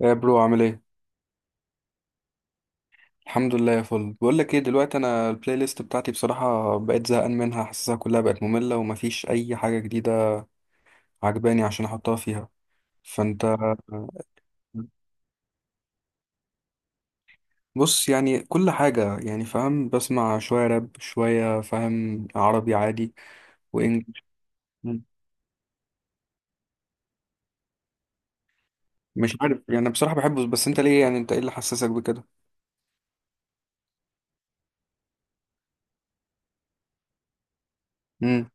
يا برو، عامل ايه؟ الحمد لله يا فل. بقول لك ايه، دلوقتي انا البلاي ليست بتاعتي بصراحه بقيت زهقان منها، حاسسها كلها بقت ممله ومفيش اي حاجه جديده عجباني عشان احطها فيها. فانت... بص، يعني كل حاجه، يعني فاهم، بسمع شويه راب شويه، فاهم عربي عادي وانجلش. مش عارف، يعني انا بصراحه بحبه، بس انت ليه؟ يعني انت ايه اللي حسسك بكده؟ امم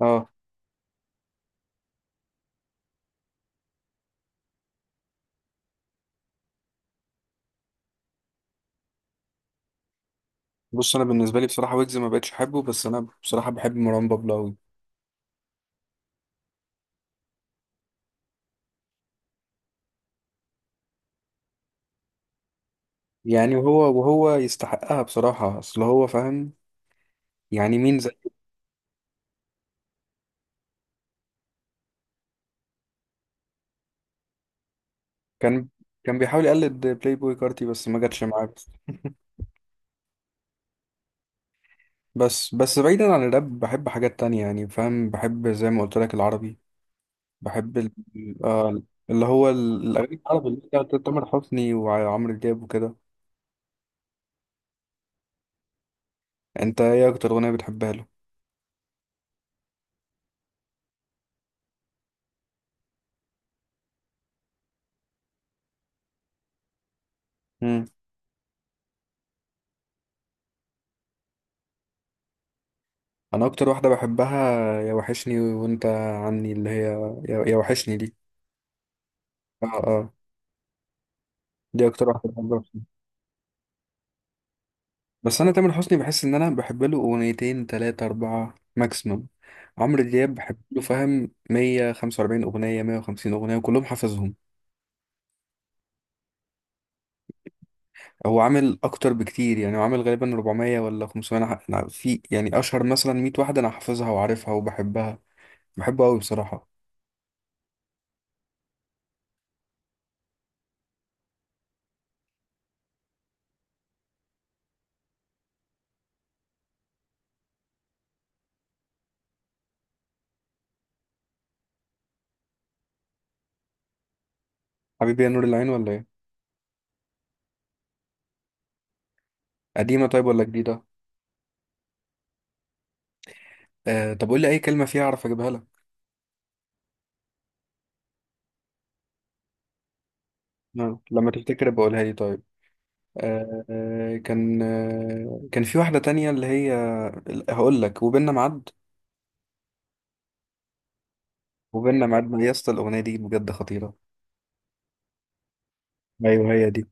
اه، بص انا بالنسبه لي بصراحه ويجز ما بقتش احبه، بس انا بصراحه بحب مروان بابلو أوي. يعني وهو يستحقها بصراحة، أصل هو فاهم. يعني مين زي... كان كان بيحاول يقلد بلاي بوي كارتي بس ما جاتش معاه. بس بعيدا عن الراب بحب حاجات تانية، يعني فاهم، بحب زي ما قلت لك العربي، بحب آه، اللي هو الأغاني العربي اللي هي بتاعت تامر حسني وعمرو دياب وكده. أنت إيه أكتر أغنية بتحبها له؟ مم. أنا أكتر واحدة بحبها يا وحشني وأنت عني، اللي هي يا وحشني دي. آه آه، دي أكتر واحدة بحبها. بس انا تامر حسني بحس ان انا بحب له اغنيتين تلاتة اربعة ماكسيموم. عمرو دياب بحب له فاهم 145 اغنية 150 اغنية وكلهم حافظهم. هو عامل اكتر بكتير، يعني هو عامل غالبا 400 ولا 500. أنا في يعني اشهر مثلا 100 واحدة انا حافظها وعارفها وبحبها. بحبه قوي بصراحة. حبيبي يا نور العين ولا ايه؟ قديمة طيب ولا جديدة؟ آه، طب قول لي اي كلمة فيها اعرف اجيبها لك. آه، لما تفتكر بقولها لي طيب. آه آه، كان في واحدة تانية اللي هي... هقول لك، وبيننا ميعاد. وبيننا ميعاد، يا اسطى الاغنيه دي بجد خطيره. ايوه هي دي.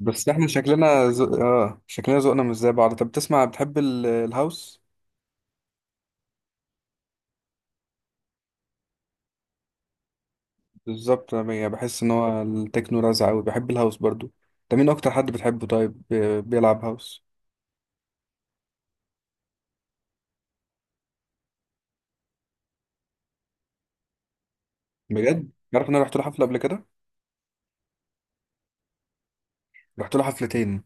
بس احنا شكلنا اه شكلنا ذوقنا مش زي بعض. طب بتسمع، بتحب الهاوس؟ بالظبط، انا يعني بحس ان هو التكنو رزع قوي، بحب الهاوس برضو. انت مين اكتر حد بتحبه طيب بيلعب هاوس؟ بجد، عارف ان انا رحت له حفله قبل كده. رحت له حفلتين.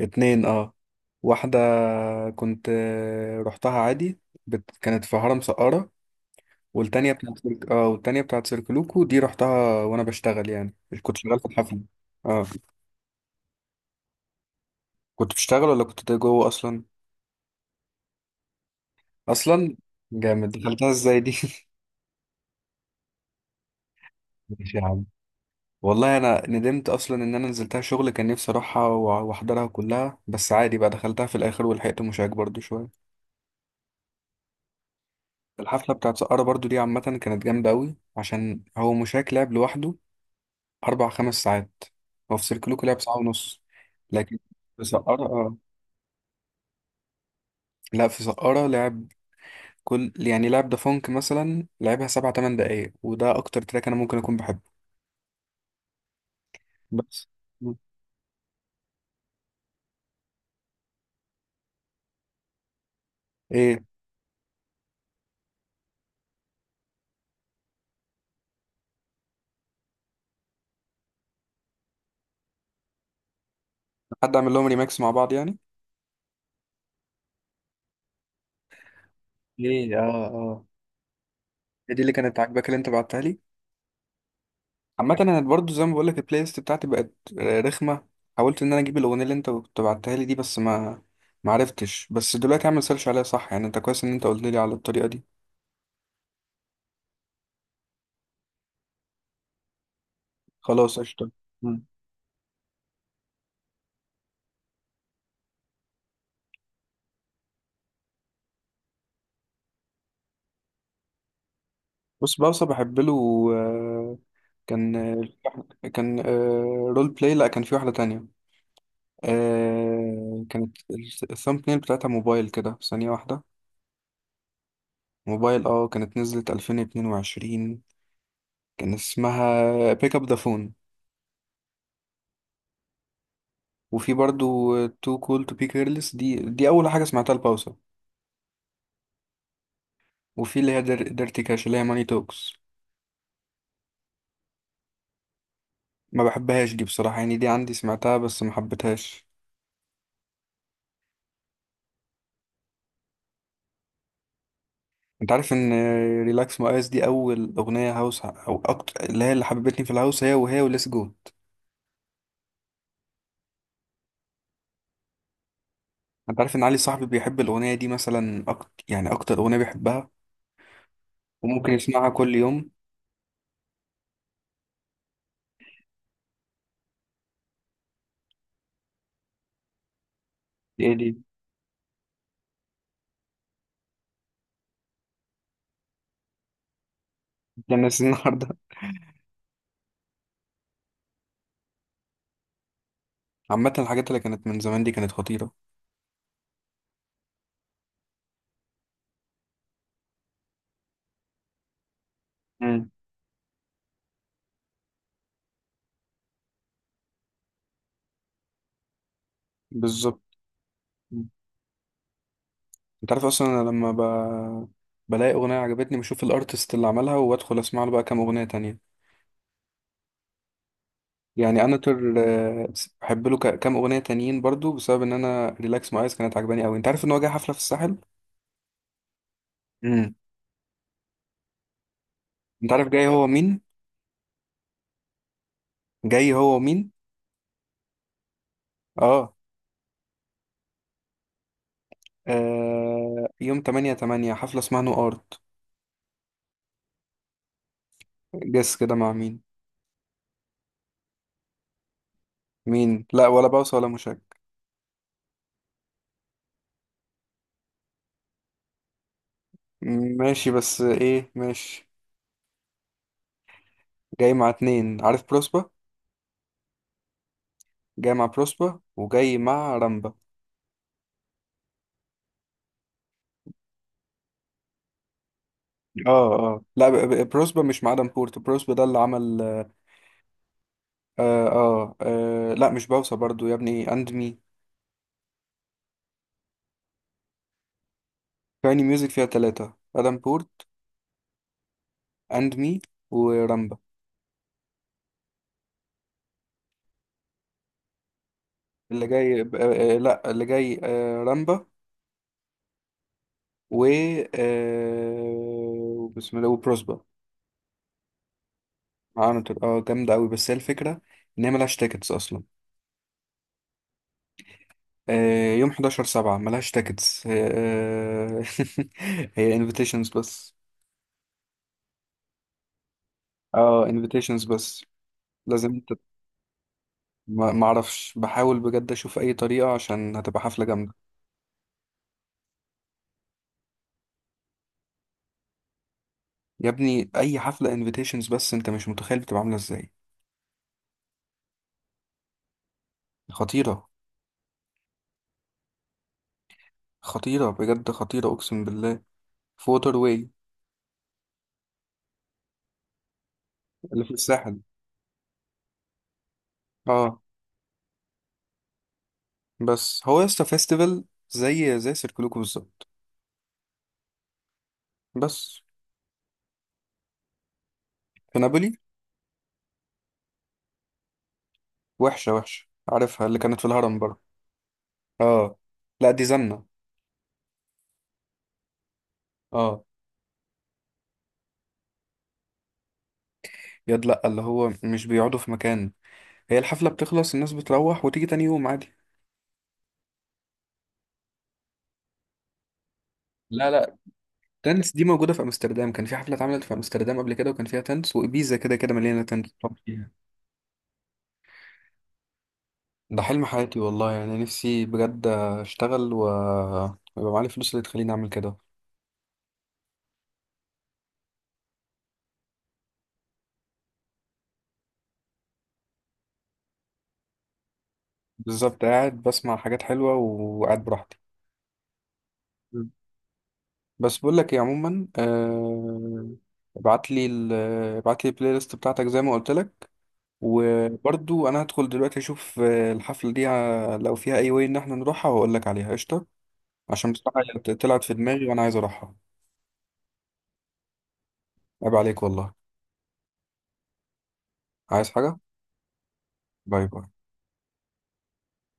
اتنين اه. واحده كنت، آه، رحتها عادي. كانت في هرم سقارة، والتانية بتاعت سيرك اه، والتانية بتاعت سيركلوكو دي رحتها وانا بشتغل يعني. كنت شغال في الحفلة. اه. كنت بشتغل ولا كنت جوه اصلا؟ اصلا جامد، دخلتها ازاي دي ماشي يا عم. والله انا ندمت اصلا ان انا نزلتها شغل، كان نفسي اروحها واحضرها كلها، بس عادي بقى دخلتها في الاخر ولحقت مشاك برضو شوية. الحفلة بتاعت سقارة برضو دي عامة كانت جامدة قوي عشان هو مشاك لعب لوحده 4-5 ساعات. هو في سيركلوكو لعب ساعة ونص. لكن في سقارة اه، لا في سقارة لعب كل، يعني لعب ده فونك مثلا لعبها 7-8 دقايق، وده اكتر تراك انا ممكن اكون بحبه. بس مم. ايه؟ حد اعمل لهم ريماكس مع بعض يعني؟ ايه اه اه، هي دي اللي كانت عاجباك اللي انت بعتها لي. عامه انا برضو زي ما بقول لك البلاي ليست بتاعتي بقت، آه، رخمه. حاولت ان انا اجيب الاغنيه اللي انت كنت بعتها لي دي بس ما عرفتش. بس دلوقتي اعمل سيرش عليها صح يعني، انت كويس ان انت قلت لي على الطريقه دي. خلاص قشطه. مم. بص بوسة بحب له، آه، كان كان رول بلاي، لا كان في واحده تانية. آه كانت الثامب نيل بتاعتها موبايل كده، ثانية واحدة. موبايل اه، كانت نزلت 2022، كان اسمها بيك اب ذا فون. وفي برضو تو كول تو بي كيرلس، دي أول حاجة سمعتها لباوسا. وفي اللي هي ديرتي كاش اللي هي ماني توكس. ما بحبهاش دي بصراحة، يعني دي عندي سمعتها بس ما حبيتهاش. انت عارف ان ريلاكس مقاس دي اول اغنية هاوس او اكتر، اللي هي اللي حببتني في الهاوس، هي وهي وليس جوت. انت عارف ان علي صاحبي بيحب الاغنية دي مثلا أكتر، يعني اكتر اغنية بيحبها وممكن يسمعها كل يوم. دي دي دي الناس النهارده. عامة الحاجات اللي كانت من زمان دي كانت خطيرة. مم. بالظبط. مم. انت عارف اصلا انا لما بلاقي اغنية عجبتني بشوف الارتست اللي عملها، وادخل اسمع له بقى كام اغنية تانية. يعني انا آه، بحب له كام اغنية تانيين برضو بسبب ان انا ريلاكس ماي ايز كانت عجباني قوي. انت عارف ان هو جاي حفلة في الساحل؟ مم. انت عارف جاي هو مين؟ جاي هو مين؟ اه, آه... يوم 8 8 حفلة اسمها نو ارت. جس كده مع مين؟ مين؟ لا، ولا باوسة ولا مشاك. ماشي بس ايه ماشي. جاي مع اتنين، عارف بروسبا. جاي مع بروسبا وجاي مع رامبا. اه اه، لا بروسبا مش مع ادم بورت. بروسبا ده اللي عمل آه آه, اه لا مش باوسا برضو يا ابني، اند مي. كايني ميوزك فيها تلاتة ادم بورت، اند مي، ورامبا. اللي جاي ب- آه آه، لا اللي جاي آه رامبا، و... آه بسم الله وبروسبا. عامل اه جامدة أوي، بس هي الفكرة إن هي ملهاش تيكتس أصلا. آه، يوم 11 7 ملهاش تاكتس، آه، هي انفيتيشنز بس. اه انفيتيشنز بس. لازم انت. ما اعرفش، بحاول بجد اشوف اي طريقة عشان هتبقى حفلة جامدة. يا ابني اي حفلة انفيتيشنز بس، انت مش متخيل بتبقى عاملة ازاي. خطيرة. خطيرة بجد، خطيرة اقسم بالله. في ووتر واي. اللي في الساحل اه. بس هو يسطا فيستيفال، زي زي سيركلوكو بالظبط. بس في نابولي. وحشة وحشة، عارفها اللي كانت في الهرم برضه. اه. لا دي زنة. اه. ياد لأ، اللي هو مش بيقعدوا في مكان. هي الحفلة بتخلص الناس بتروح وتيجي تاني يوم عادي. لا لا. تنس دي موجودة في أمستردام، كان في حفلة اتعملت في أمستردام قبل كده وكان فيها تنس، وإبيزا كده كده مليانة تنس طب فيها. ده حلم حياتي والله، يعني نفسي بجد أشتغل و... ويبقى معايا الفلوس اللي تخليني أعمل كده. بالظبط، قاعد بسمع حاجات حلوة وقاعد براحتي. مم. بس بقول لك ايه عموما، آه... ابعت لي ابعت لي البلاي ليست بتاعتك زي ما قلت لك. وبرضو انا هدخل دلوقتي اشوف، آه، الحفلة دي، آه، لو فيها اي واي ان احنا نروحها واقول لك عليها قشطة. عشان بصراحة هي طلعت في دماغي وانا عايز اروحها. عيب عليك والله. عايز حاجة؟ باي باي.